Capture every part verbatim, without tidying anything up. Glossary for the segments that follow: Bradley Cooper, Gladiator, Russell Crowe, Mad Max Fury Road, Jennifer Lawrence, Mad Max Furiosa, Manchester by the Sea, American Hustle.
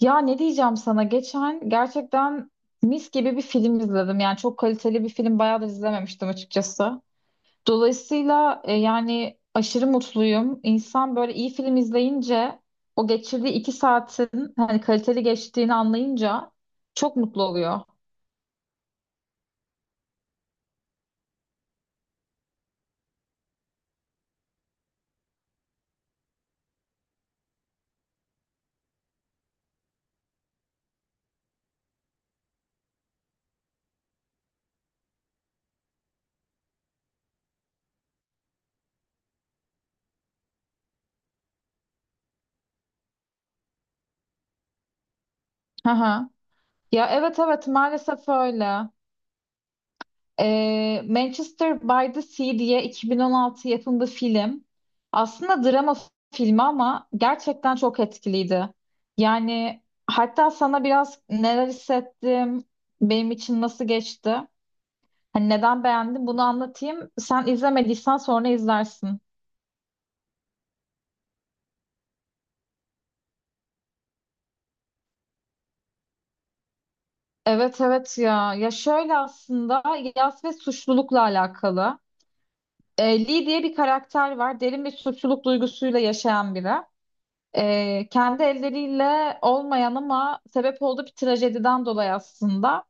Ya, ne diyeceğim sana? Geçen gerçekten mis gibi bir film izledim. Yani çok kaliteli bir film bayağıdır izlememiştim açıkçası. Dolayısıyla e, yani aşırı mutluyum. İnsan böyle iyi film izleyince o geçirdiği iki saatin hani kaliteli geçtiğini anlayınca çok mutlu oluyor. Hı hı. Ya, evet, evet, maalesef öyle. Ee, Manchester by the Sea diye iki bin on altı yapımı film. Aslında drama filmi ama gerçekten çok etkiliydi. Yani hatta sana biraz neler hissettim, benim için nasıl geçti, hani neden beğendim bunu anlatayım. Sen izlemediysen sonra izlersin. Evet, evet, ya. Ya, şöyle aslında yas ve suçlulukla alakalı. Ee, Lee diye bir karakter var. Derin bir suçluluk duygusuyla yaşayan biri. E, kendi elleriyle olmayan ama sebep olduğu bir trajediden dolayı aslında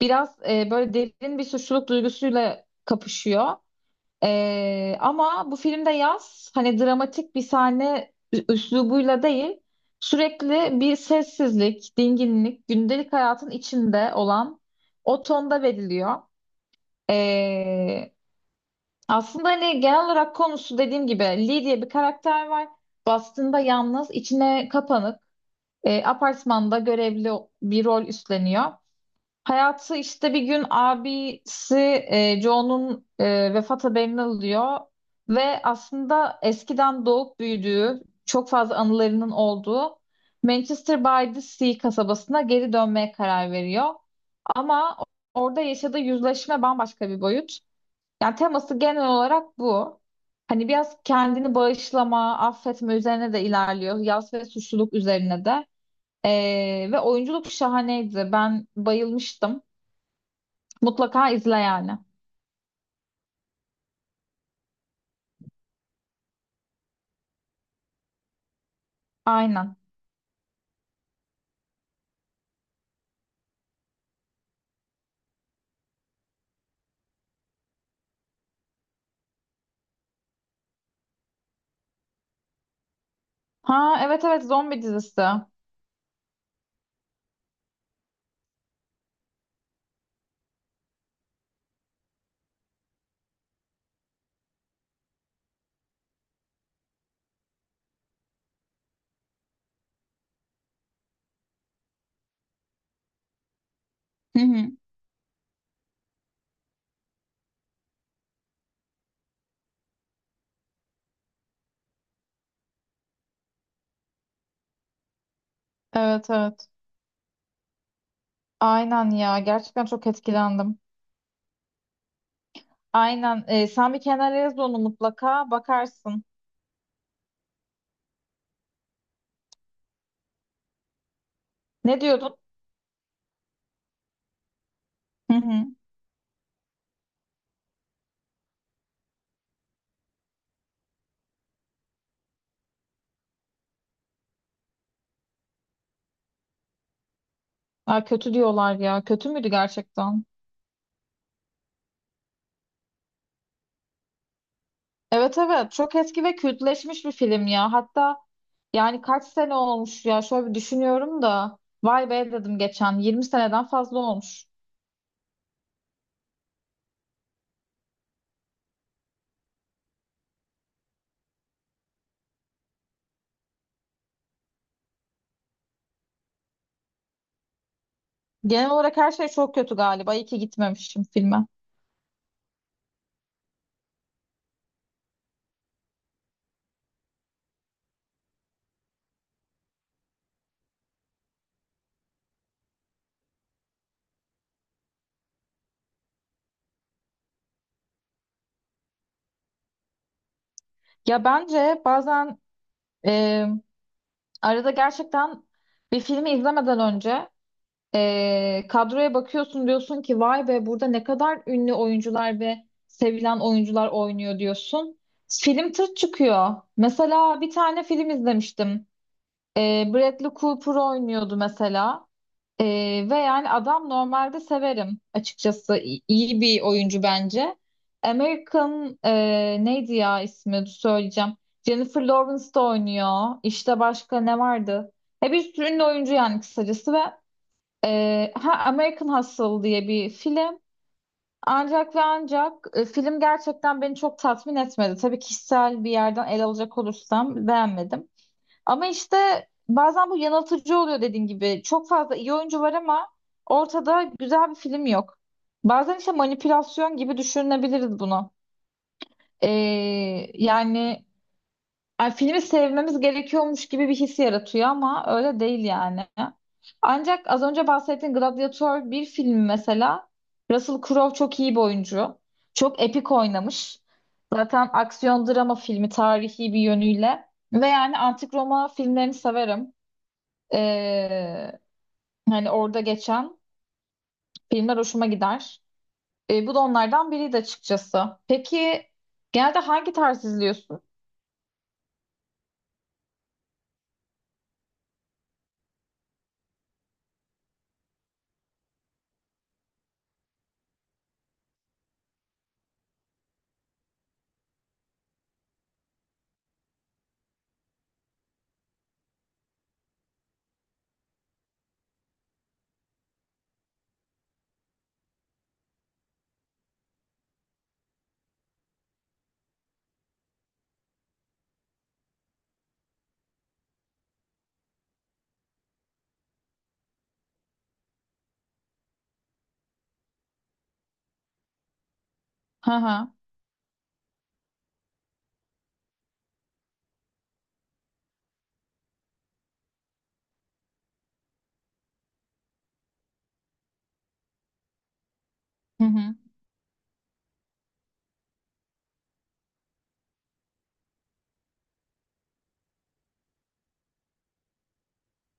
biraz e, böyle derin bir suçluluk duygusuyla kapışıyor. E, ama bu filmde Yaz hani dramatik bir sahne ü- üslubuyla değil sürekli bir sessizlik, dinginlik, gündelik hayatın içinde olan o tonda veriliyor. E, Aslında hani genel olarak konusu dediğim gibi Lee diye bir karakter var. Bastığında yalnız, içine kapanık. E, apartmanda görevli bir rol üstleniyor. Hayatı işte bir gün abisi e, Joe'nun e, vefat haberini alıyor ve aslında eskiden doğup büyüdüğü, çok fazla anılarının olduğu Manchester by the Sea kasabasına geri dönmeye karar veriyor. Ama orada yaşadığı yüzleşme bambaşka bir boyut. Yani teması genel olarak bu. Hani biraz kendini bağışlama, affetme üzerine de ilerliyor. Yas ve suçluluk üzerine de. Ee, ve oyunculuk şahaneydi. Ben bayılmıştım. Mutlaka izle yani. Aynen. Ha, evet, evet, zombi dizisi. Hı hı. Evet, evet. Aynen ya. Gerçekten çok etkilendim. Aynen. Ee, sen bir kenara yaz onu, mutlaka bakarsın. Ne diyordun? Hı hı. Aa, kötü diyorlar ya. Kötü müydü gerçekten? Evet, evet. Çok eski ve kültleşmiş bir film ya. Hatta yani kaç sene olmuş ya. Şöyle bir düşünüyorum da. Vay be, dedim geçen. Yirmi seneden fazla olmuş. Genel olarak her şey çok kötü galiba. İyi ki gitmemişim filme. Ya, bence bazen e, arada gerçekten bir filmi izlemeden önce Ee, kadroya bakıyorsun, diyorsun ki vay be burada ne kadar ünlü oyuncular ve sevilen oyuncular oynuyor, diyorsun. Film tırt çıkıyor. Mesela bir tane film izlemiştim. Ee, Bradley Cooper oynuyordu mesela. Ee, ve yani adam normalde severim açıkçası. İ- iyi bir oyuncu bence. American e, neydi ya ismi? Dur, söyleyeceğim. Jennifer Lawrence da oynuyor. İşte başka ne vardı? E bir sürü ünlü oyuncu yani, kısacası. Ve ee, ha, American Hustle diye bir film. Ancak ve ancak e, film gerçekten beni çok tatmin etmedi. Tabii kişisel bir yerden ele alacak olursam beğenmedim. Ama işte bazen bu yanıltıcı oluyor, dediğin gibi. Çok fazla iyi oyuncu var ama ortada güzel bir film yok. Bazen işte manipülasyon gibi düşünebiliriz bunu. Ee, Yani, ay, filmi sevmemiz gerekiyormuş gibi bir his yaratıyor ama öyle değil yani. Ancak az önce bahsettiğin Gladiator bir film mesela. Russell Crowe çok iyi bir oyuncu. Çok epik oynamış. Zaten aksiyon drama filmi, tarihi bir yönüyle. Ve yani antik Roma filmlerini severim. Ee, Hani orada geçen filmler hoşuma gider. Ee, bu da onlardan biriydi açıkçası. Peki genelde hangi tarz izliyorsun? Hı hı. Hı hı.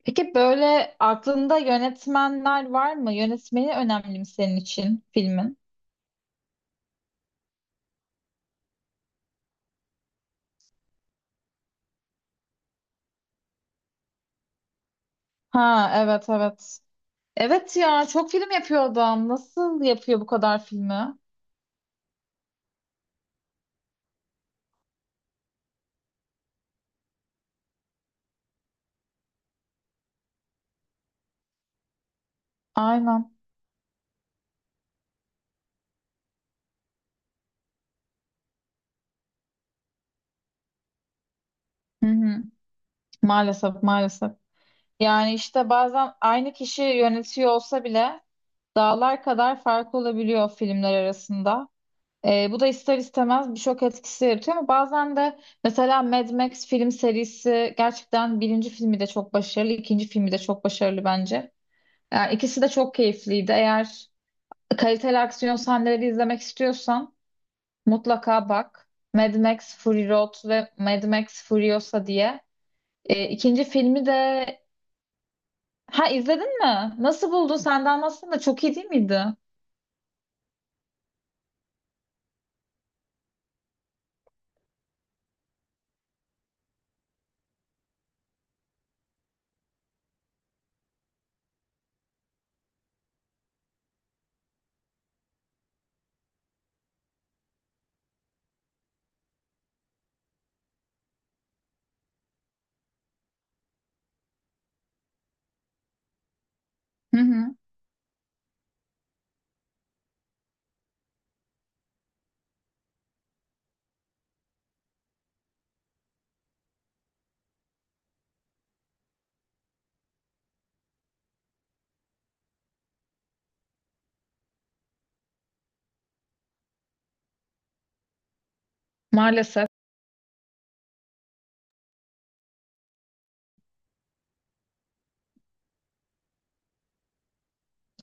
Peki, böyle aklında yönetmenler var mı? Yönetmeni önemli mi senin için filmin? Ha, evet, evet. Evet ya, çok film yapıyor adam. Nasıl yapıyor bu kadar filmi? Aynen. Hı hı. Maalesef, maalesef. Yani işte bazen aynı kişi yönetiyor olsa bile dağlar kadar fark olabiliyor filmler arasında. Ee, bu da ister istemez bir şok etkisi yaratıyor ama bazen de mesela Mad Max film serisi, gerçekten birinci filmi de çok başarılı, ikinci filmi de çok başarılı bence. Yani ikisi de çok keyifliydi. Eğer kaliteli aksiyon sahneleri izlemek istiyorsan mutlaka bak. Mad Max Fury Road ve Mad Max Furiosa diye. Ee, ikinci filmi de, ha, izledin mi? Nasıl buldun? Sen de anlatsana, da çok iyi değil miydi? Hı hı. Maalesef.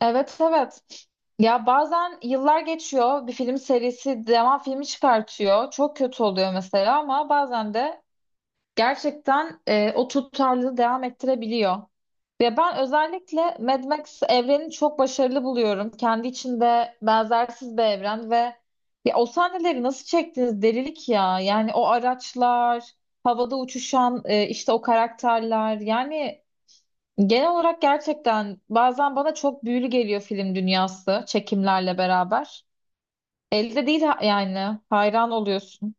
Evet, evet. Ya, bazen yıllar geçiyor, bir film serisi devam filmi çıkartıyor. Çok kötü oluyor mesela ama bazen de gerçekten e, o tutarlılığı devam ettirebiliyor. Ve ben özellikle Mad Max evrenini çok başarılı buluyorum. Kendi içinde benzersiz bir evren ve ya o sahneleri nasıl çektiniz, delilik ya. Yani o araçlar, havada uçuşan e, işte o karakterler. Yani genel olarak gerçekten bazen bana çok büyülü geliyor film dünyası çekimlerle beraber. Elde değil, ha- yani hayran oluyorsun.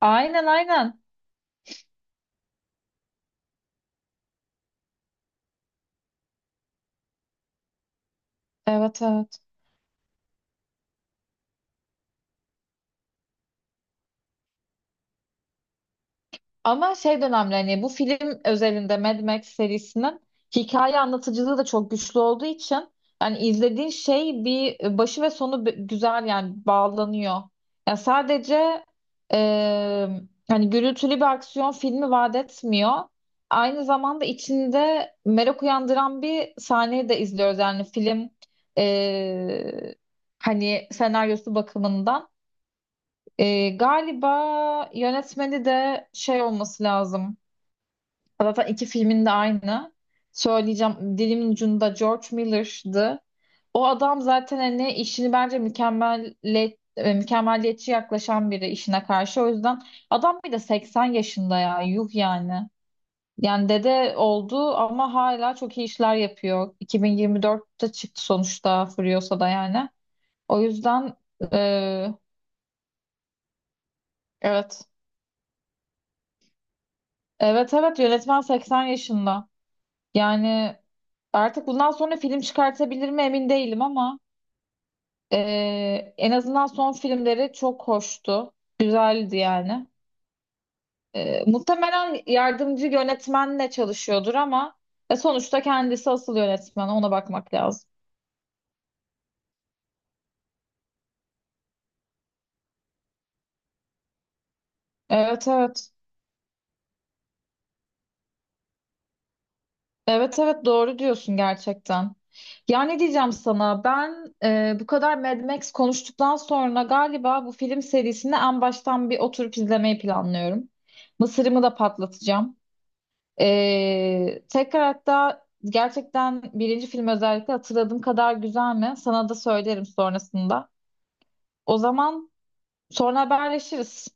Aynen, aynen. Evet, evet. Ama şey dönemli hani, bu film özelinde Mad Max serisinin hikaye anlatıcılığı da çok güçlü olduğu için hani izlediğin şey bir başı ve sonu b- güzel yani bağlanıyor. Ya sadece e, hani gürültülü bir aksiyon filmi vaat etmiyor. Aynı zamanda içinde merak uyandıran bir sahneyi de izliyoruz. Yani film e, hani senaryosu bakımından. E, galiba yönetmeni de şey olması lazım. Zaten iki filmin de aynı. Söyleyeceğim dilimin ucunda, George Miller'dı. O adam zaten hani işini bence mükemmeliyet, e, mükemmeliyetçi yaklaşan biri işine karşı. O yüzden adam bir de seksen yaşında ya, yuh yani. Yani dede oldu ama hala çok iyi işler yapıyor. iki bin yirmi dörtte çıktı sonuçta Furiosa'da yani. O yüzden e, evet. Evet, evet, yönetmen seksen yaşında. Yani artık bundan sonra film çıkartabilir mi emin değilim ama eee, en azından son filmleri çok hoştu. Güzeldi yani. Eee, muhtemelen yardımcı yönetmenle çalışıyordur ama e, sonuçta kendisi asıl yönetmen. Ona bakmak lazım. Evet, evet. Evet, evet, doğru diyorsun gerçekten. Ya ne diyeceğim sana? Ben eee, bu kadar Mad Max konuştuktan sonra galiba bu film serisini en baştan bir oturup izlemeyi planlıyorum. Mısırımı da patlatacağım. Ee, tekrar hatta, gerçekten birinci film özellikle hatırladığım kadar güzel mi? Sana da söylerim sonrasında. O zaman sonra haberleşiriz.